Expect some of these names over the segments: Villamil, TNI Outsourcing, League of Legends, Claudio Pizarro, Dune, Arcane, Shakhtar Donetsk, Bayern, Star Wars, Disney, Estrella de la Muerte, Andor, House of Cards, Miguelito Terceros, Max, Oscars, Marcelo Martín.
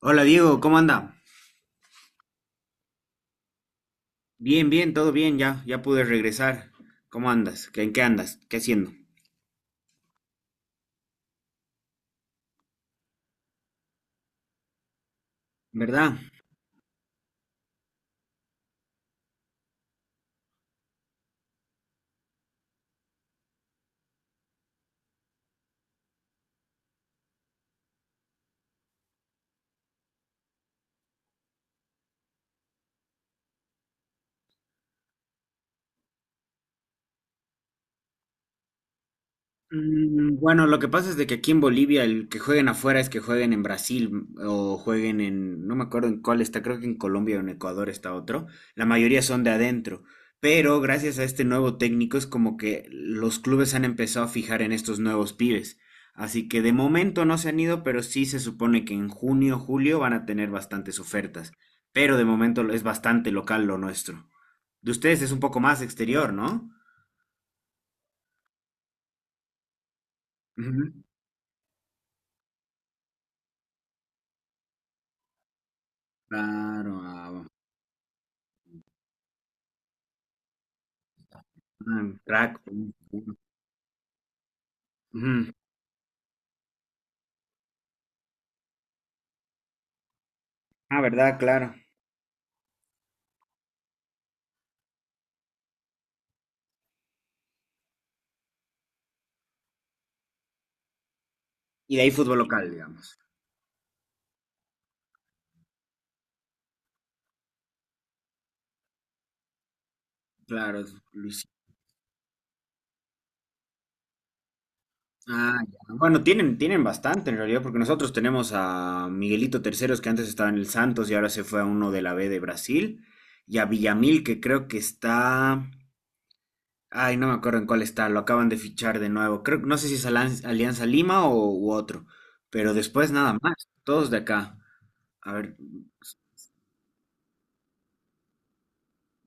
Hola Diego, ¿cómo anda? Bien, bien, todo bien, ya, ya pude regresar. ¿Cómo andas? ¿En qué andas? ¿Qué haciendo? ¿Verdad? Bueno, lo que pasa es de que aquí en Bolivia el que jueguen afuera es que jueguen en Brasil, o jueguen en, no me acuerdo en cuál está, creo que en Colombia o en Ecuador está otro. La mayoría son de adentro, pero gracias a este nuevo técnico es como que los clubes han empezado a fijar en estos nuevos pibes. Así que de momento no se han ido, pero sí se supone que en junio, julio van a tener bastantes ofertas. Pero de momento es bastante local lo nuestro. De ustedes es un poco más exterior, ¿no? Ujú. Claro, ah. Ah, crack. Ujú. Ah, ¿verdad? Claro. Y de ahí fútbol local, digamos. Claro, es Luis. Ah, ya. Bueno, tienen bastante en realidad, porque nosotros tenemos a Miguelito Terceros, que antes estaba en el Santos y ahora se fue a uno de la B de Brasil, y a Villamil, que creo que está... Ay, no me acuerdo en cuál está, lo acaban de fichar de nuevo. Creo, no sé si es Alianza Lima o u otro, pero después nada más, todos de acá. A ver,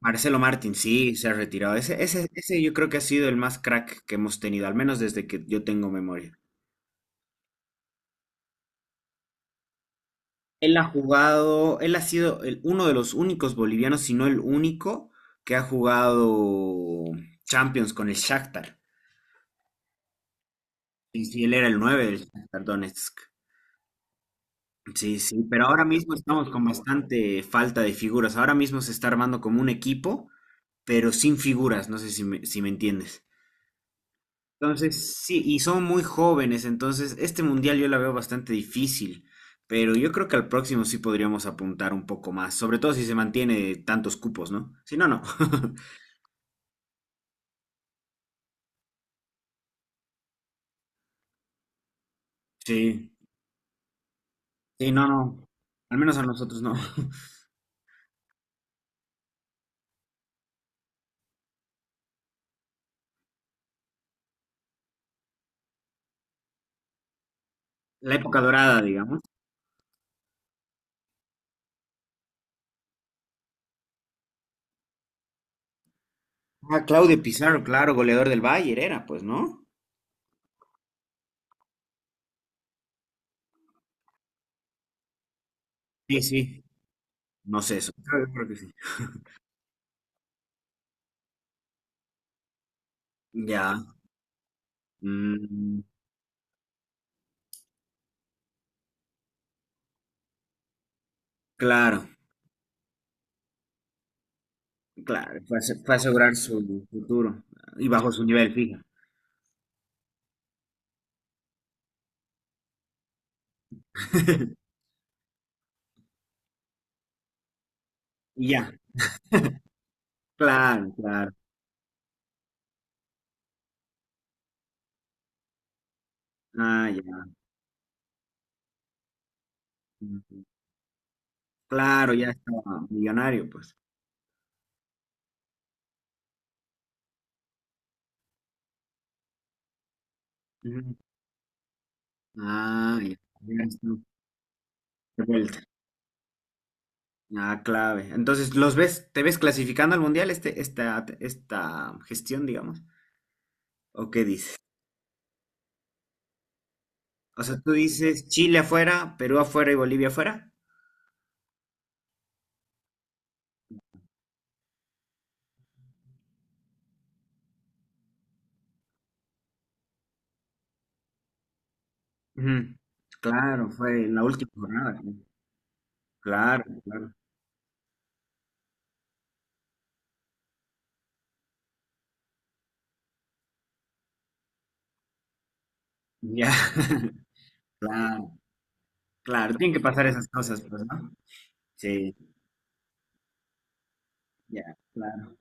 Marcelo Martín, sí, se ha retirado. Ese yo creo que ha sido el más crack que hemos tenido, al menos desde que yo tengo memoria. Él ha jugado, él ha sido uno de los únicos bolivianos, si no el único, que ha jugado Champions con el Shakhtar. Y sí, él era el nueve del Shakhtar Donetsk. Sí, sí, pero ahora mismo estamos con bastante falta de figuras. Ahora mismo se está armando como un equipo, pero sin figuras. No sé si me entiendes. Entonces, sí, y son muy jóvenes, entonces este mundial yo la veo bastante difícil, pero yo creo que al próximo sí podríamos apuntar un poco más, sobre todo si se mantiene tantos cupos, ¿no? Si no, no. Sí, sí, no, no. Al menos a nosotros no. La época dorada, digamos. Ah, Claudio Pizarro, claro, goleador del Bayern era, pues, ¿no? Sí, sí. No sé eso. Creo que sí. Ya. Mm, claro, claro. Para asegurar su futuro y bajo su nivel, fija. Y ya. Claro, claro. Ah, ya. Ujú. Claro, ya estaba millonario, pues. Ujú. Ah, ya. Ya está. De vuelta. Ah, clave. Entonces, ¿los ves, te ves clasificando al mundial este, esta gestión, digamos? ¿O qué dices? O sea, tú dices Chile afuera, Perú afuera y Bolivia afuera. Ujú. Claro, fue en la última jornada, ¿no? Claro, claro. Ya. Claro, claro. Tienen que pasar esas cosas, pues, ¿no? Sí, ya, claro.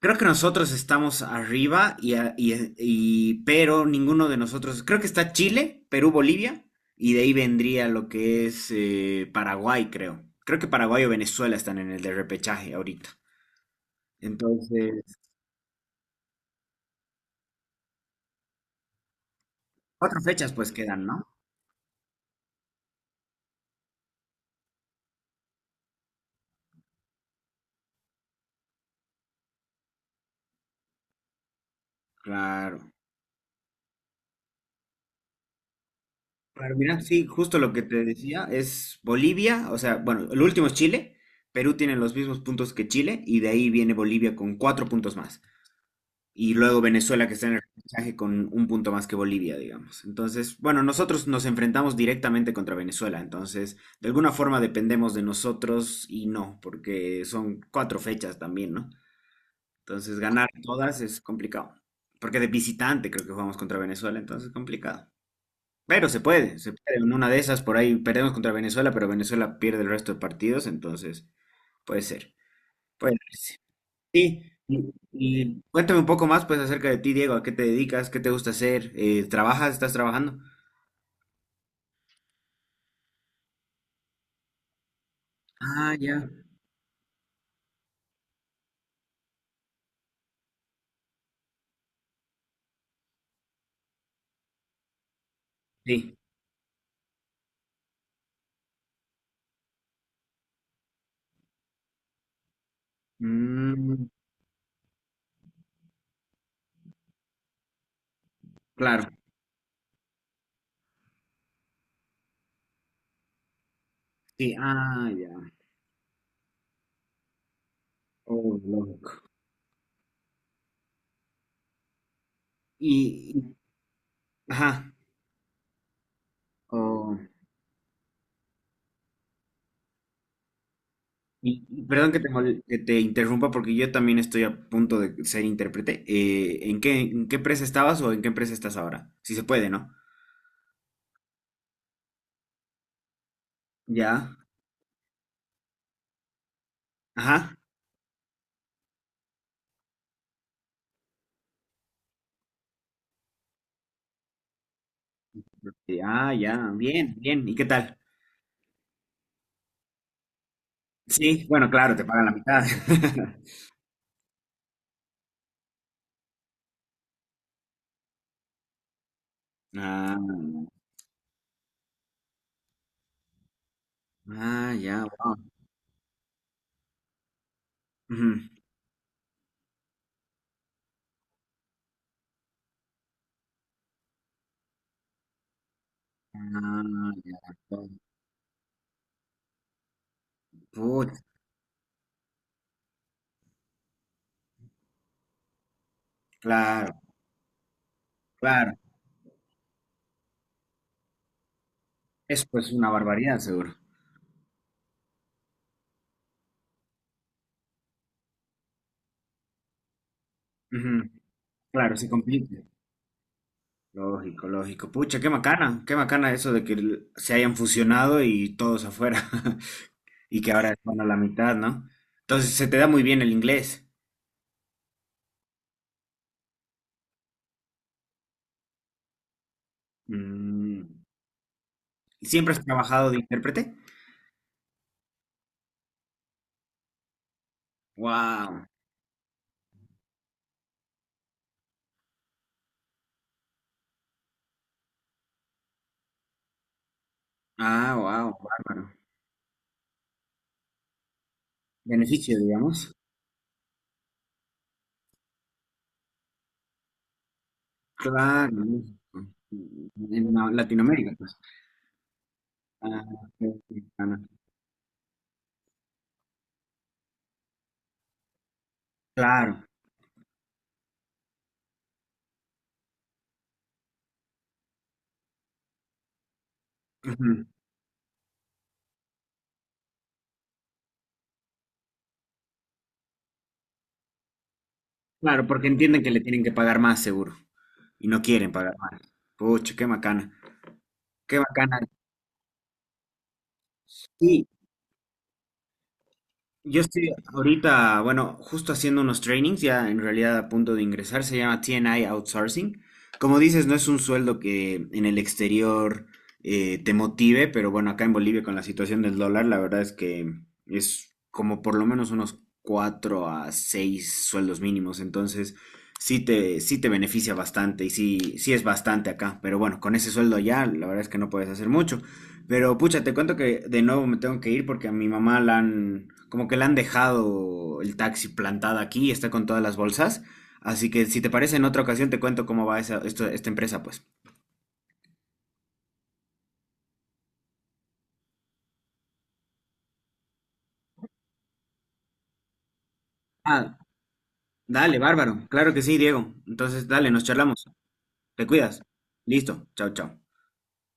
Creo que nosotros estamos arriba y, pero ninguno de nosotros, creo que está Chile, Perú, Bolivia, y de ahí vendría lo que es, Paraguay, creo. Creo que Paraguay o Venezuela están en el de repechaje ahorita. Entonces, cuatro fechas pues quedan, ¿no? Claro. Claro, mira, sí, justo lo que te decía es Bolivia, o sea, bueno, el último es Chile, Perú tiene los mismos puntos que Chile, y de ahí viene Bolivia con cuatro puntos más. Y luego Venezuela que está en el repechaje con un punto más que Bolivia, digamos. Entonces, bueno, nosotros nos enfrentamos directamente contra Venezuela, entonces de alguna forma dependemos de nosotros y no, porque son cuatro fechas también, ¿no? Entonces ganar todas es complicado, porque de visitante creo que jugamos contra Venezuela, entonces es complicado. Pero se puede, se puede. En una de esas por ahí perdemos contra Venezuela, pero Venezuela pierde el resto de partidos, entonces puede ser. Puede ser. Sí, y cuéntame un poco más pues acerca de ti, Diego. ¿A qué te dedicas? ¿Qué te gusta hacer? ¿Trabajas? ¿Estás trabajando? Ah, ya, sí. Mm, claro, sí, ah, ya. Oh, lógico. Y, y- ajá, oh, y perdón que que te interrumpa porque yo también estoy a punto de ser intérprete. ¿En qué, empresa estabas o en qué empresa estás ahora? Si se puede, ¿no? Ya, ajá. Sí, ah, ya, bien, bien. ¿Y qué tal? Sí, bueno, claro, te pagan la mitad. Ah, ah, ya, wow. Ujú. Ah, ya, wow. Pucha, claro, claro. Eso pues, es una barbaridad, seguro. Ujú. Claro, se complica. Lógico, lógico. Pucha, qué macana eso de que se hayan fusionado y todos afuera. Y que ahora están a la mitad, ¿no? Entonces se te da muy bien el inglés. Mm. ¿Siempre has trabajado de intérprete? Wow. Ah, wow, bárbaro. Beneficio, digamos. Claro, Latinoamérica, pues. Ah, ok, mexicana. Claro. Claro, ujú. Claro, porque entienden que le tienen que pagar más seguro y no quieren pagar más. Pucha, qué macana, qué macana. Yo estoy ahorita, bueno, justo haciendo unos trainings, ya en realidad a punto de ingresar, se llama TNI Outsourcing. Como dices, no es un sueldo que en el exterior, te motive, pero bueno, acá en Bolivia con la situación del dólar, la verdad es que es como por lo menos unos 4 a 6 sueldos mínimos, entonces sí te, beneficia bastante y sí, sí es bastante acá, pero bueno, con ese sueldo ya, la verdad es que no puedes hacer mucho. Pero pucha, te cuento que de nuevo me tengo que ir porque a mi mamá la han, como que la han dejado el taxi plantada aquí y está con todas las bolsas. Así que si te parece, en otra ocasión te cuento cómo va esa, esta empresa, pues. Ah, dale, bárbaro. Claro que sí, Diego. Entonces, dale, nos charlamos. Te cuidas. Listo. Chao, chao.